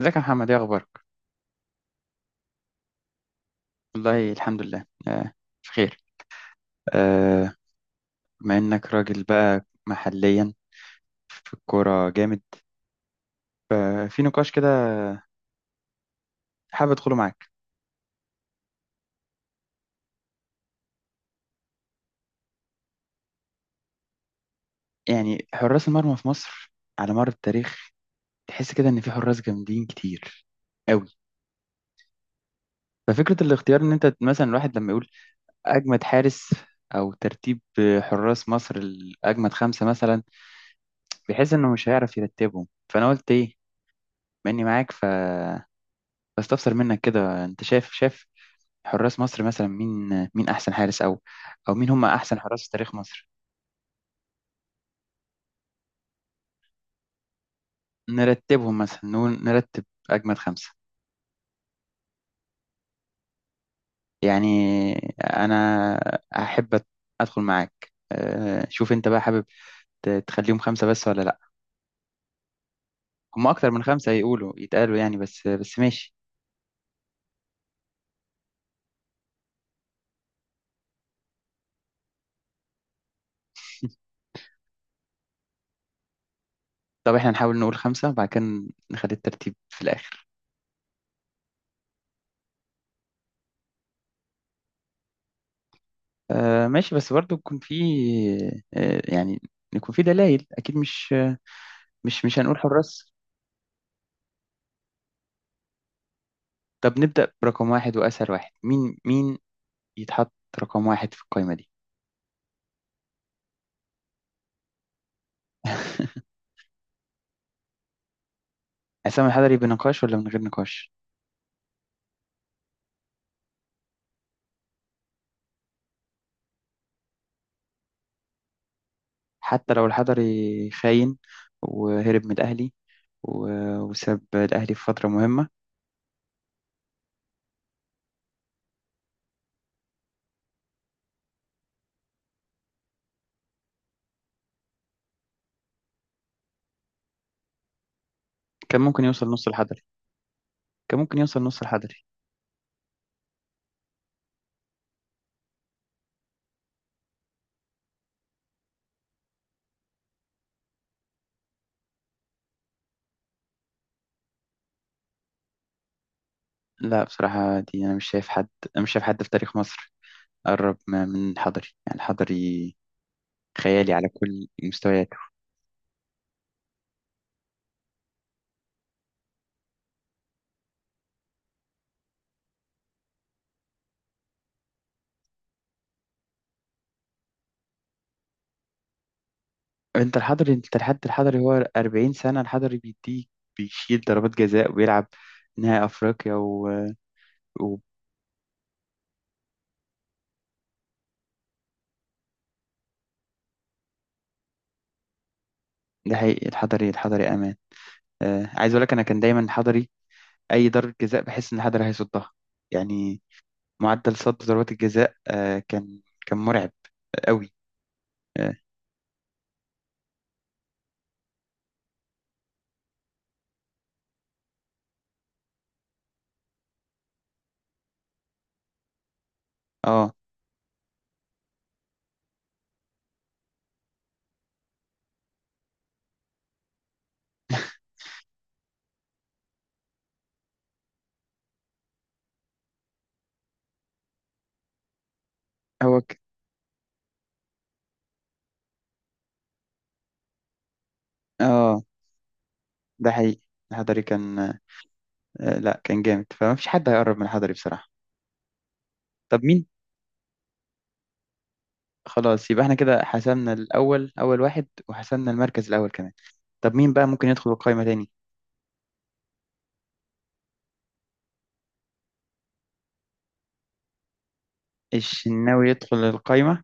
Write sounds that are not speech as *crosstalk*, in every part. ازيك يا محمد، ايه اخبارك؟ والله الحمد لله، بخير. آه. بما انك راجل بقى محليا في الكوره جامد، في نقاش كده حابب ادخله معاك. يعني حراس المرمى في مصر على مر التاريخ، تحس كده ان في حراس جامدين كتير قوي. ففكره الاختيار ان انت مثلا الواحد لما يقول اجمد حارس، او ترتيب حراس مصر الاجمد خمسه مثلا، بيحس انه مش هيعرف يرتبهم. فانا قلت ايه، بما اني معاك بستفسر منك كده. انت شايف حراس مصر مثلا مين احسن حارس، او مين هم احسن حراس في تاريخ مصر؟ نرتبهم مثلا، نقول نرتب اجمد خمسة. يعني انا احب ادخل معاك. شوف انت بقى حابب تخليهم خمسة بس ولا لا. هم اكتر من خمسة يقولوا يتقالوا يعني، بس بس ماشي. *laughs* طب احنا نحاول نقول خمسة وبعد كده نخلي الترتيب في الاخر. ماشي بس برضو يكون في، يعني يكون في دلائل اكيد، مش هنقول حراس. طب نبدأ برقم واحد وأسهل واحد، مين يتحط رقم واحد في القائمة دي؟ *laughs* عصام الحضري بنقاش ولا من غير نقاش؟ حتى لو الحضري خاين وهرب من الأهلي، و- وساب الأهلي في فترة مهمة. كان ممكن يوصل نص الحضري. كان ممكن يوصل نص الحضري. لا بصراحة دي، أنا مش شايف حد، أنا مش شايف حد في تاريخ مصر قرب من الحضري. يعني الحضري خيالي على كل المستويات. انت الحضري، انت لحد الحضري هو 40 سنة، الحضري بيديك، بيشيل ضربات جزاء وبيلعب نهائي افريقيا و... ده حقيقي. الحضري امان. عايز اقول لك، انا كان دايما الحضري اي ضربة جزاء بحس ان الحضري هيصدها. يعني معدل صد ضربات الجزاء كان مرعب قوي. اه. آه، هو ك... اه. ده حقيقي. الحضري كان، لا كان جامد، فما فيش حد هيقرب من الحضري بصراحة. طب مين؟ خلاص، يبقى احنا كده حسمنا الاول، اول واحد، وحسمنا المركز الاول كمان. طب مين بقى ممكن يدخل القايمة تاني؟ الشناوي يدخل القايمة.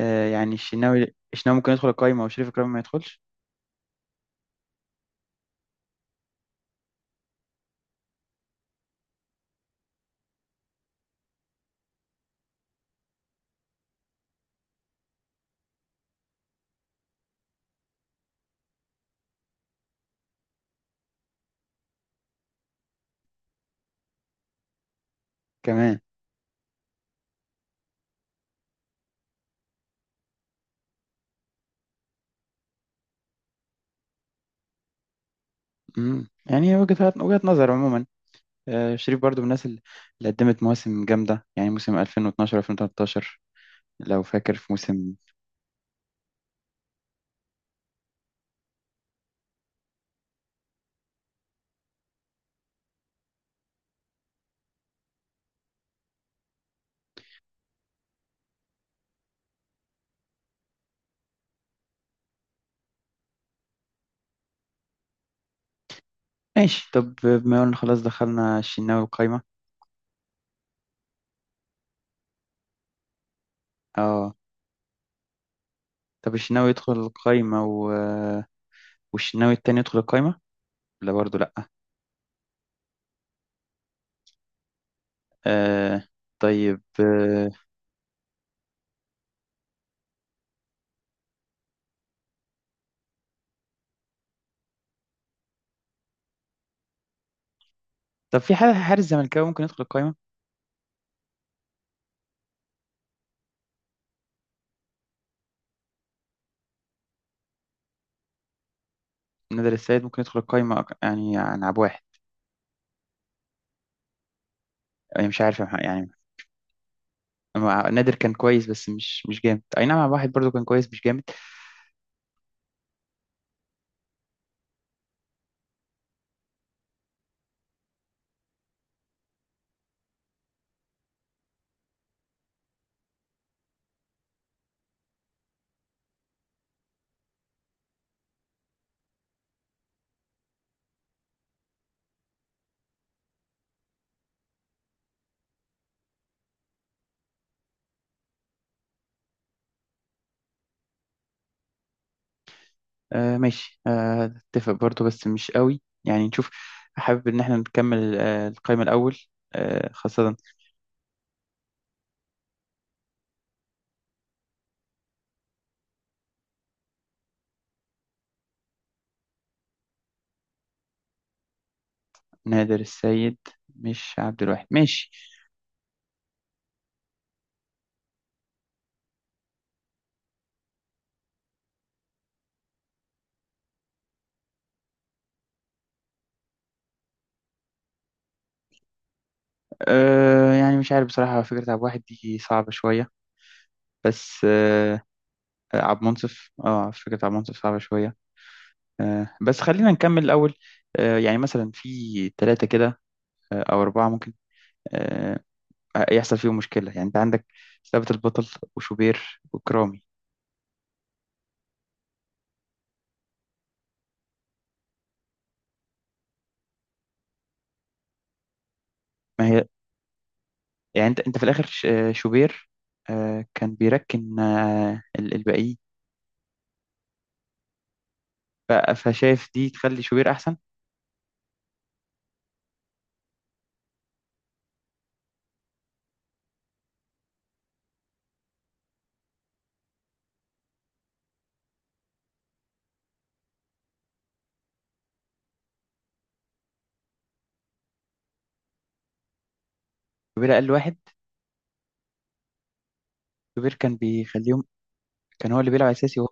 يعني الشناوي ممكن يدخل القايمة وشريف إكرامي ما يدخلش؟ كمان. يعني وجهة نظر عموما. شريف برضو من الناس اللي قدمت مواسم جامدة، يعني موسم 2012 2013 لو فاكر، في موسم ماشي. طب بما قلنا خلاص دخلنا الشناوي القايمة. اه. طب الشناوي يدخل القايمة والشناوي التاني يدخل القايمة؟ لا برضو، لأ. آه. طيب، طب في حارس زملكاوي ممكن يدخل القايمة؟ نادر السيد ممكن يدخل القايمة يعني عن عب واحد. يعني مش عارف يا يعني نادر كان كويس، بس مش جامد. أي نعم، عب واحد برضو كان كويس، مش جامد. آه ماشي. آه، اتفق برضو بس مش قوي، يعني نشوف. حابب إن احنا نكمل القايمة الأول، خاصة نادر السيد مش عبد الواحد، ماشي. يعني مش عارف بصراحة، فكرة عبد الواحد دي صعبة شوية بس. آه. عبد منصف. اه، فكرة عبد منصف صعبة شوية. آه بس خلينا نكمل الأول. يعني مثلا في ثلاثة كده، او اربعه ممكن، آه، يحصل فيهم مشكله. يعني انت عندك ثابت البطل وشوبير وكرامي. ما هي يعني، انت في الاخر شوبير، كان بيركن، الباقيين. فشايف دي تخلي شوبير احسن. شوبير اقل واحد. شوبير كان بيخليهم، كان هو اللي بيلعب اساسي وهو.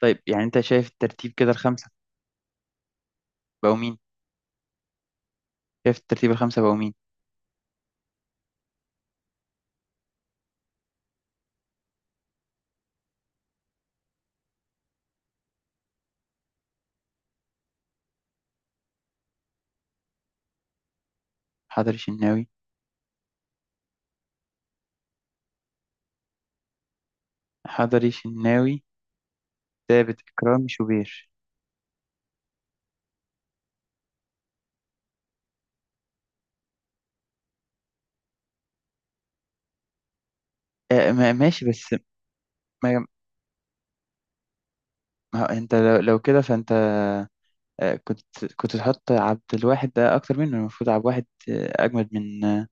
طيب يعني انت شايف الترتيب كده الخمسه بقوا مين؟ شايف الترتيب الخمسه بقوا مين؟ حضري شناوي. حضري شناوي، ثابت، اكرامي، شوبير. ماشي بس، ما ما هو انت لو كده فانت، كنت تحط عبد الواحد ده اكتر منه. المفروض عبد الواحد اجمد من آه،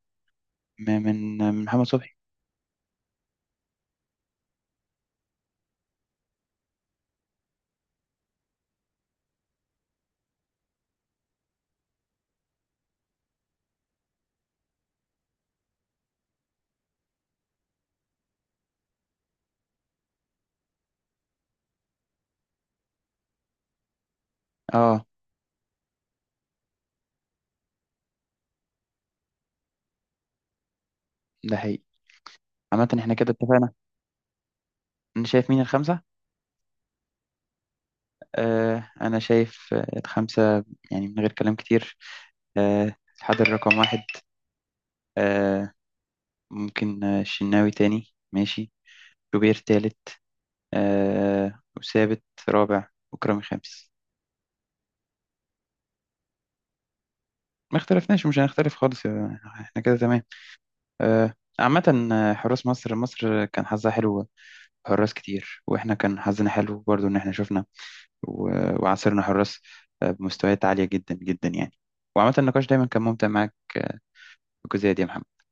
من من آه، من محمد صبحي. اه. ده حقيقي. عامة احنا كده اتفقنا. انا شايف مين الخمسة؟ انا شايف الخمسة، يعني من غير كلام كتير. الحضر رقم واحد. آه. ممكن الشناوي تاني، ماشي. شوبير تالت، وثابت رابع، وكرامي خامس. ما اختلفناش. مش هنختلف خالص، احنا كده تمام. آه. عامة، حراس مصر كان حظها حلو، حراس كتير. واحنا كان حظنا حلو برضو ان احنا شفنا وعاصرنا حراس بمستويات عالية جدا جدا، يعني. وعامة النقاش دايما كان ممتع معاك بالجزئية دي يا محمد.